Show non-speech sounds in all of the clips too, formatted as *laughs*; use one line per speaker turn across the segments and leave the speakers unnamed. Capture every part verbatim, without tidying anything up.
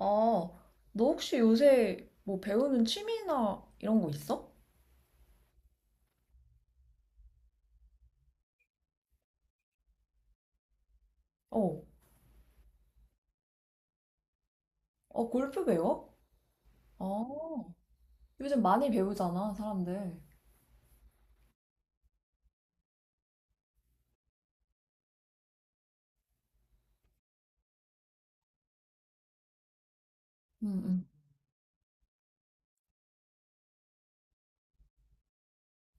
아, 너 혹시 요새 뭐 배우는 취미나 이런 거 있어? 어, 어, 골프 배워? 아, 요즘 많이 배우잖아, 사람들. 응, 응,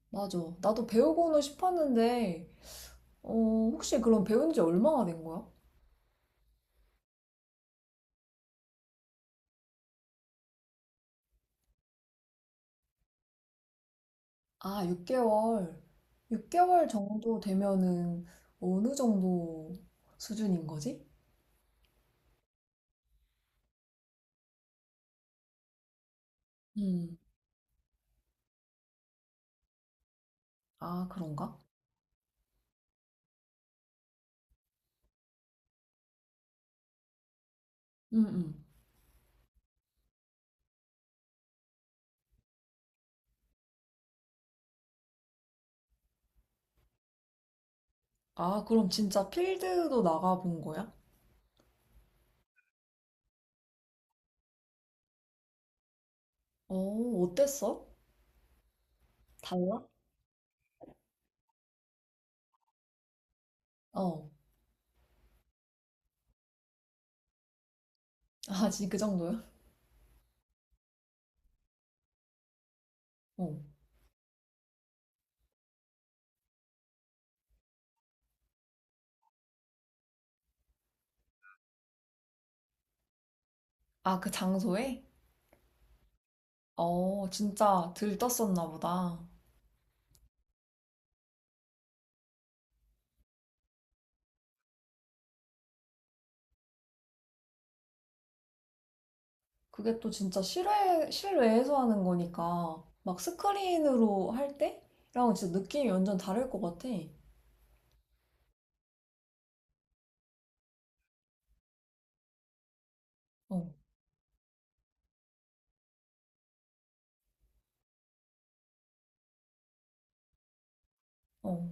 맞아. 나도 배우고는 싶었는데, 어, 혹시 그럼 배운 지 얼마나 된 거야? 아, 육 개월. 육 개월 정도 되면은 어느 정도 수준인 거지? 음, 아, 그런가? 응, 응. 아, 그럼 진짜 필드도 나가본 거야? 어, 어땠어? 달라? 어. 아, 진짜 그 정도요? 어. 아, 그 장소에? 어, 진짜 들떴었나 보다. 그게 또 진짜 실외, 실외에서 하는 거니까, 막 스크린으로 할 때랑 진짜 느낌이 완전 다를 것 같아. 어, 어.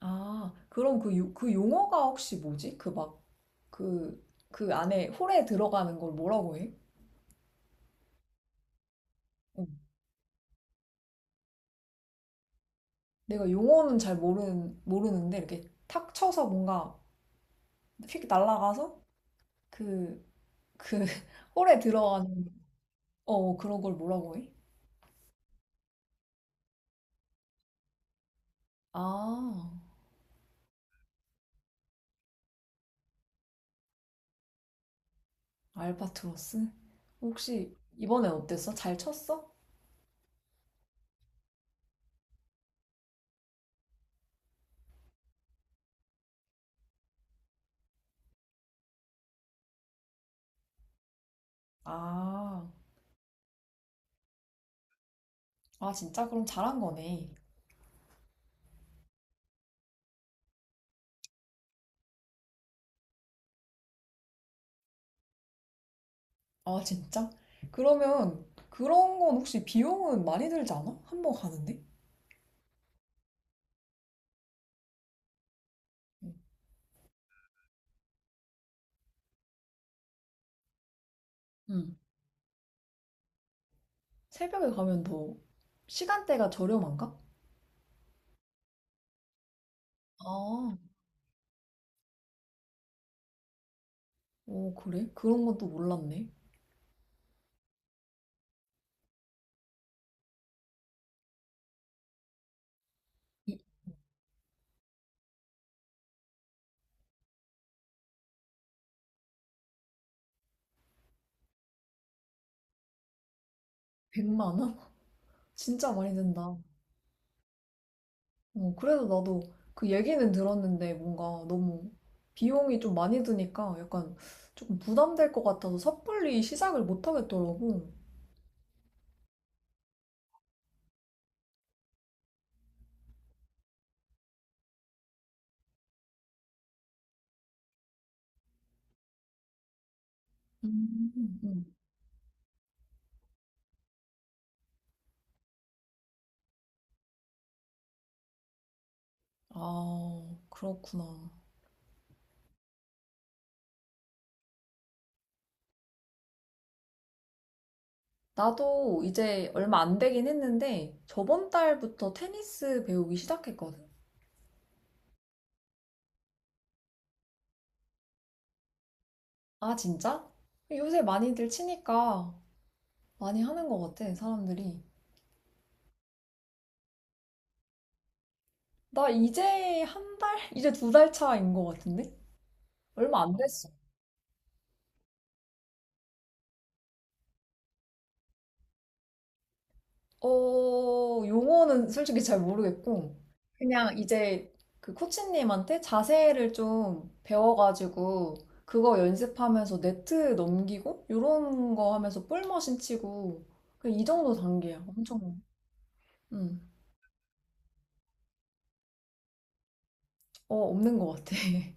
아, 그럼 그, 요- 그 용어가 혹시 뭐지? 그 막, 그, 그 안에 홀에 들어가는 걸 뭐라고 해? 어. 내가 용어는 잘 모르는, 모르는데, 이렇게 탁 쳐서 뭔가 휙 날아가서 그, 그, *laughs* 홀에 들어가는 어, 그런 걸 뭐라고 해? 아, 알바트로스? 혹시 이번엔 어땠어? 잘 쳤어? 아, 아, 진짜? 그럼 잘한 거네. 아, 진짜? 그러면 그런 건 혹시 비용은 많이 들지 않아? 한번 가는데? 응. 새벽에 가면 더 시간대가 저렴한가? 아, 오, 그래? 그런 건 또 몰랐네. 이- 백공 공만 원? *laughs* 진짜 많이 든다. 어, 그래서 나도 그 얘기는 들었는데 뭔가 너무 비용이 좀 많이 드니까 약간 조금 부담될 것 같아서 섣불리 시작을 못 하겠더라고. 음. 음. 아, 그렇구나. 나도 이제 얼마 안 되긴 했는데 저번 달부터 테니스 배우기 시작했거든. 아, 진짜? 요새 많이들 치니까 많이 하는 것 같아, 사람들이. 나 이제 한 달? *laughs* 이제 두 달 차인 것 같은데? 얼마 안 됐 어 어, 용어는 솔직히 잘 모르겠고, 그냥 이제 그 코치님한테 자세를 좀 배워가지고, 그거 연습하면서 네트 넘기고, 요런 거 하면서 볼머신 치고, 그냥 이 정도 단계야. 엄청, 음, 어, 없는 것 같아. *laughs*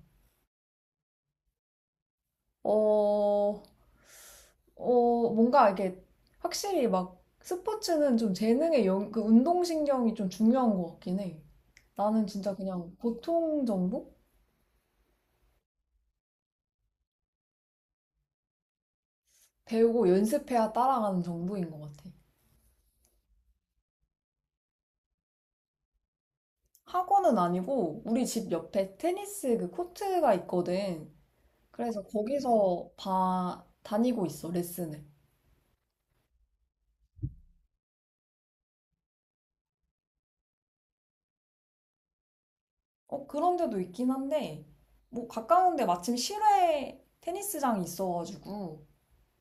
어, 어, 뭔가 이게 확실히 막 스포츠는 좀 재능의 영, 그 운동신경이 좀 중요한 것 같긴 해. 나는 진짜 그냥 보통 정도? 배우고 연습해야 따라가는 정도인 것 같아. 학원은 아니고 우리 집 옆에 테니스 그 코트가 있거든. 그래서 거기서 봐, 다니고 있어, 레슨을. 어, 그런 데도 있긴 한데, 뭐 가까운데 마침 실외 테니스장이 있어가지고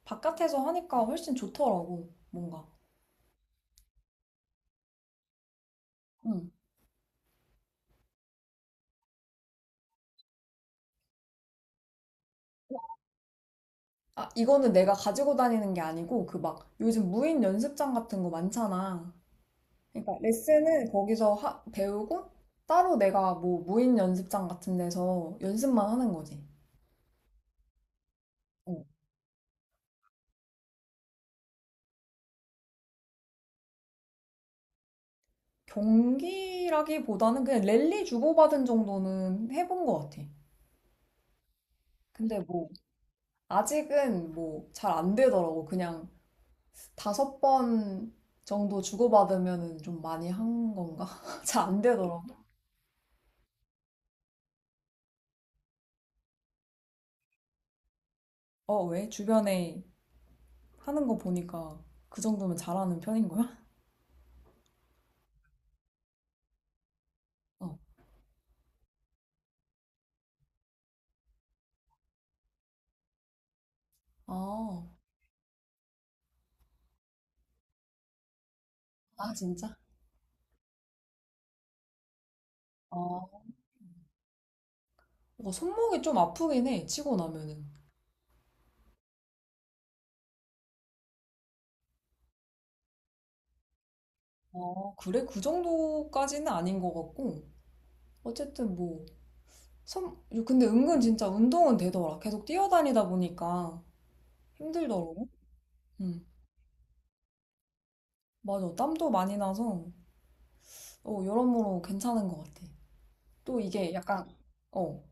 바깥에서 하니까 훨씬 좋더라고, 뭔가. 응. 아, 이거는 내가 가지고 다니는 게 아니고 그 막 요즘 무인 연습장 같은 거 많잖아. 그러니까 레슨은 거기서 하- 배우고 따로 내가 뭐 무인 연습장 같은 데서 연습만 하는 거지. 어. 경기라기보다는 그냥 랠리 주고받은 정도는 해본 것 같아. 근데 뭐 아직은 뭐 잘 안 되더라고. 그냥 다섯 번 정도 주고받으면은 좀 많이 한 건가? *laughs* 잘 안 되더라고. 어, 왜? 주변에 하는 거 보니까 그 정도면 잘하는 편인 거야? 어. 아, 아 진짜? 아. 뭔가 손목이 좀 아프긴 해, 치고 나면은. 아, 그래? 그 정도까지는 아닌 것 같고. 어쨌든 뭐, 손 근데 은근 진짜 운동은 되더라. 계속 뛰어다니다 보니까 힘들더라고. 응. 맞아. 땀도 많이 나서, 어, 여러모로 괜찮은 것 같아. 또 이게 약간, 어,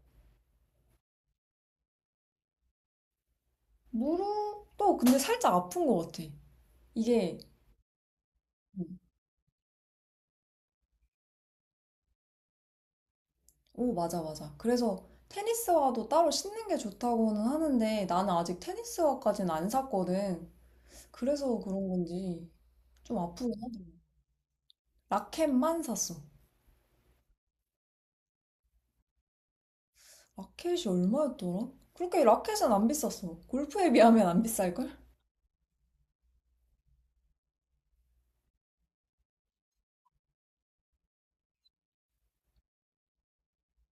무릎도 근데 살짝 아픈 것 같아. 이게, 음, 오, 맞아, 맞아. 그래서 테니스화도 따로 신는 게 좋다고는 하는데, 나는 아직 테니스화까지는 안 샀거든. 그래서 그런 건지 좀 아프긴 하더라고. 라켓만 샀어. 라켓이 얼마였더라? 그렇게 라켓은 안 비쌌어. 골프에 비하면 안 비쌀걸?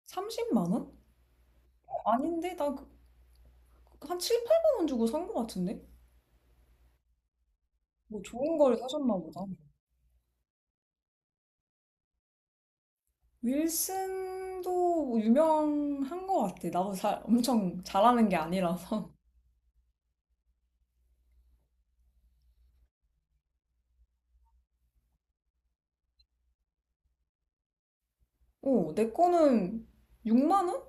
삼십만 원? 아닌데? 나 그, 한 칠, 팔만 원 주고 산거 같은데? 뭐 좋은 걸 사셨나 보다. 윌슨도 뭐 유명한 거 같아. 나도 잘, 엄청 잘하는 게 아니라서. 어, 내 거는 육만 원?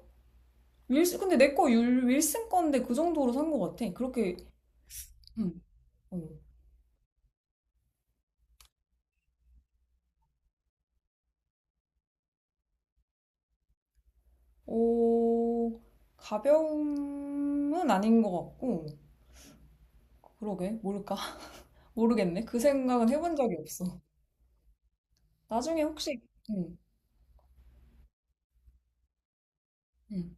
윌슨, 근데 내 거 윌슨 건데 그 정도로 산거 같아. 그렇게, 응. 어. 오, 가벼움은 아닌 것 같고, 그러게, 모를까? *laughs* 모르겠네. 그 생각은 해본 적이 없어. 나중에 혹시, 응, 응.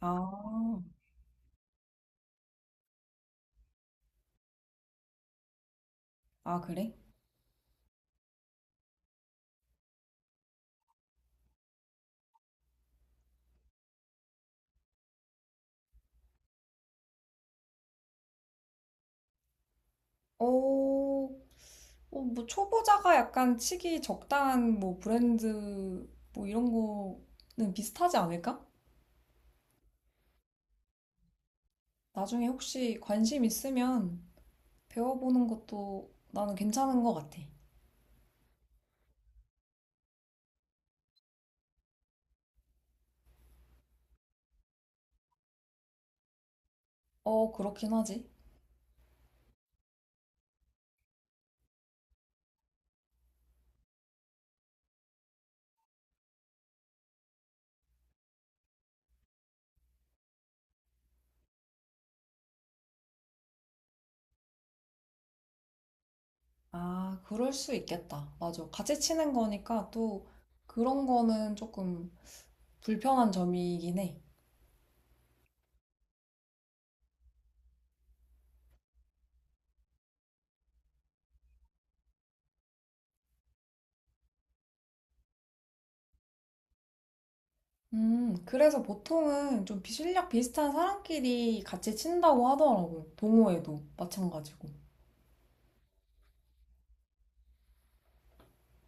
아, 아, 그래? 어, 어, 뭐, 초보자가 약간 치기 적당한 뭐, 브랜드, 뭐, 이런 거는 비슷하지 않을까? 나중에 혹시 관심 있으면 배워보는 것도 나는 괜찮은 것 같아. 어, 그렇긴 하지. 아, 그럴 수 있겠다. 맞아. 같이 치는 거니까 또 그런 거는 조금 불편한 점이긴 해. 음, 그래서 보통은 좀 비- 실력 비슷한 사람끼리 같이 친다고 하더라고. 동호회도 마찬가지고.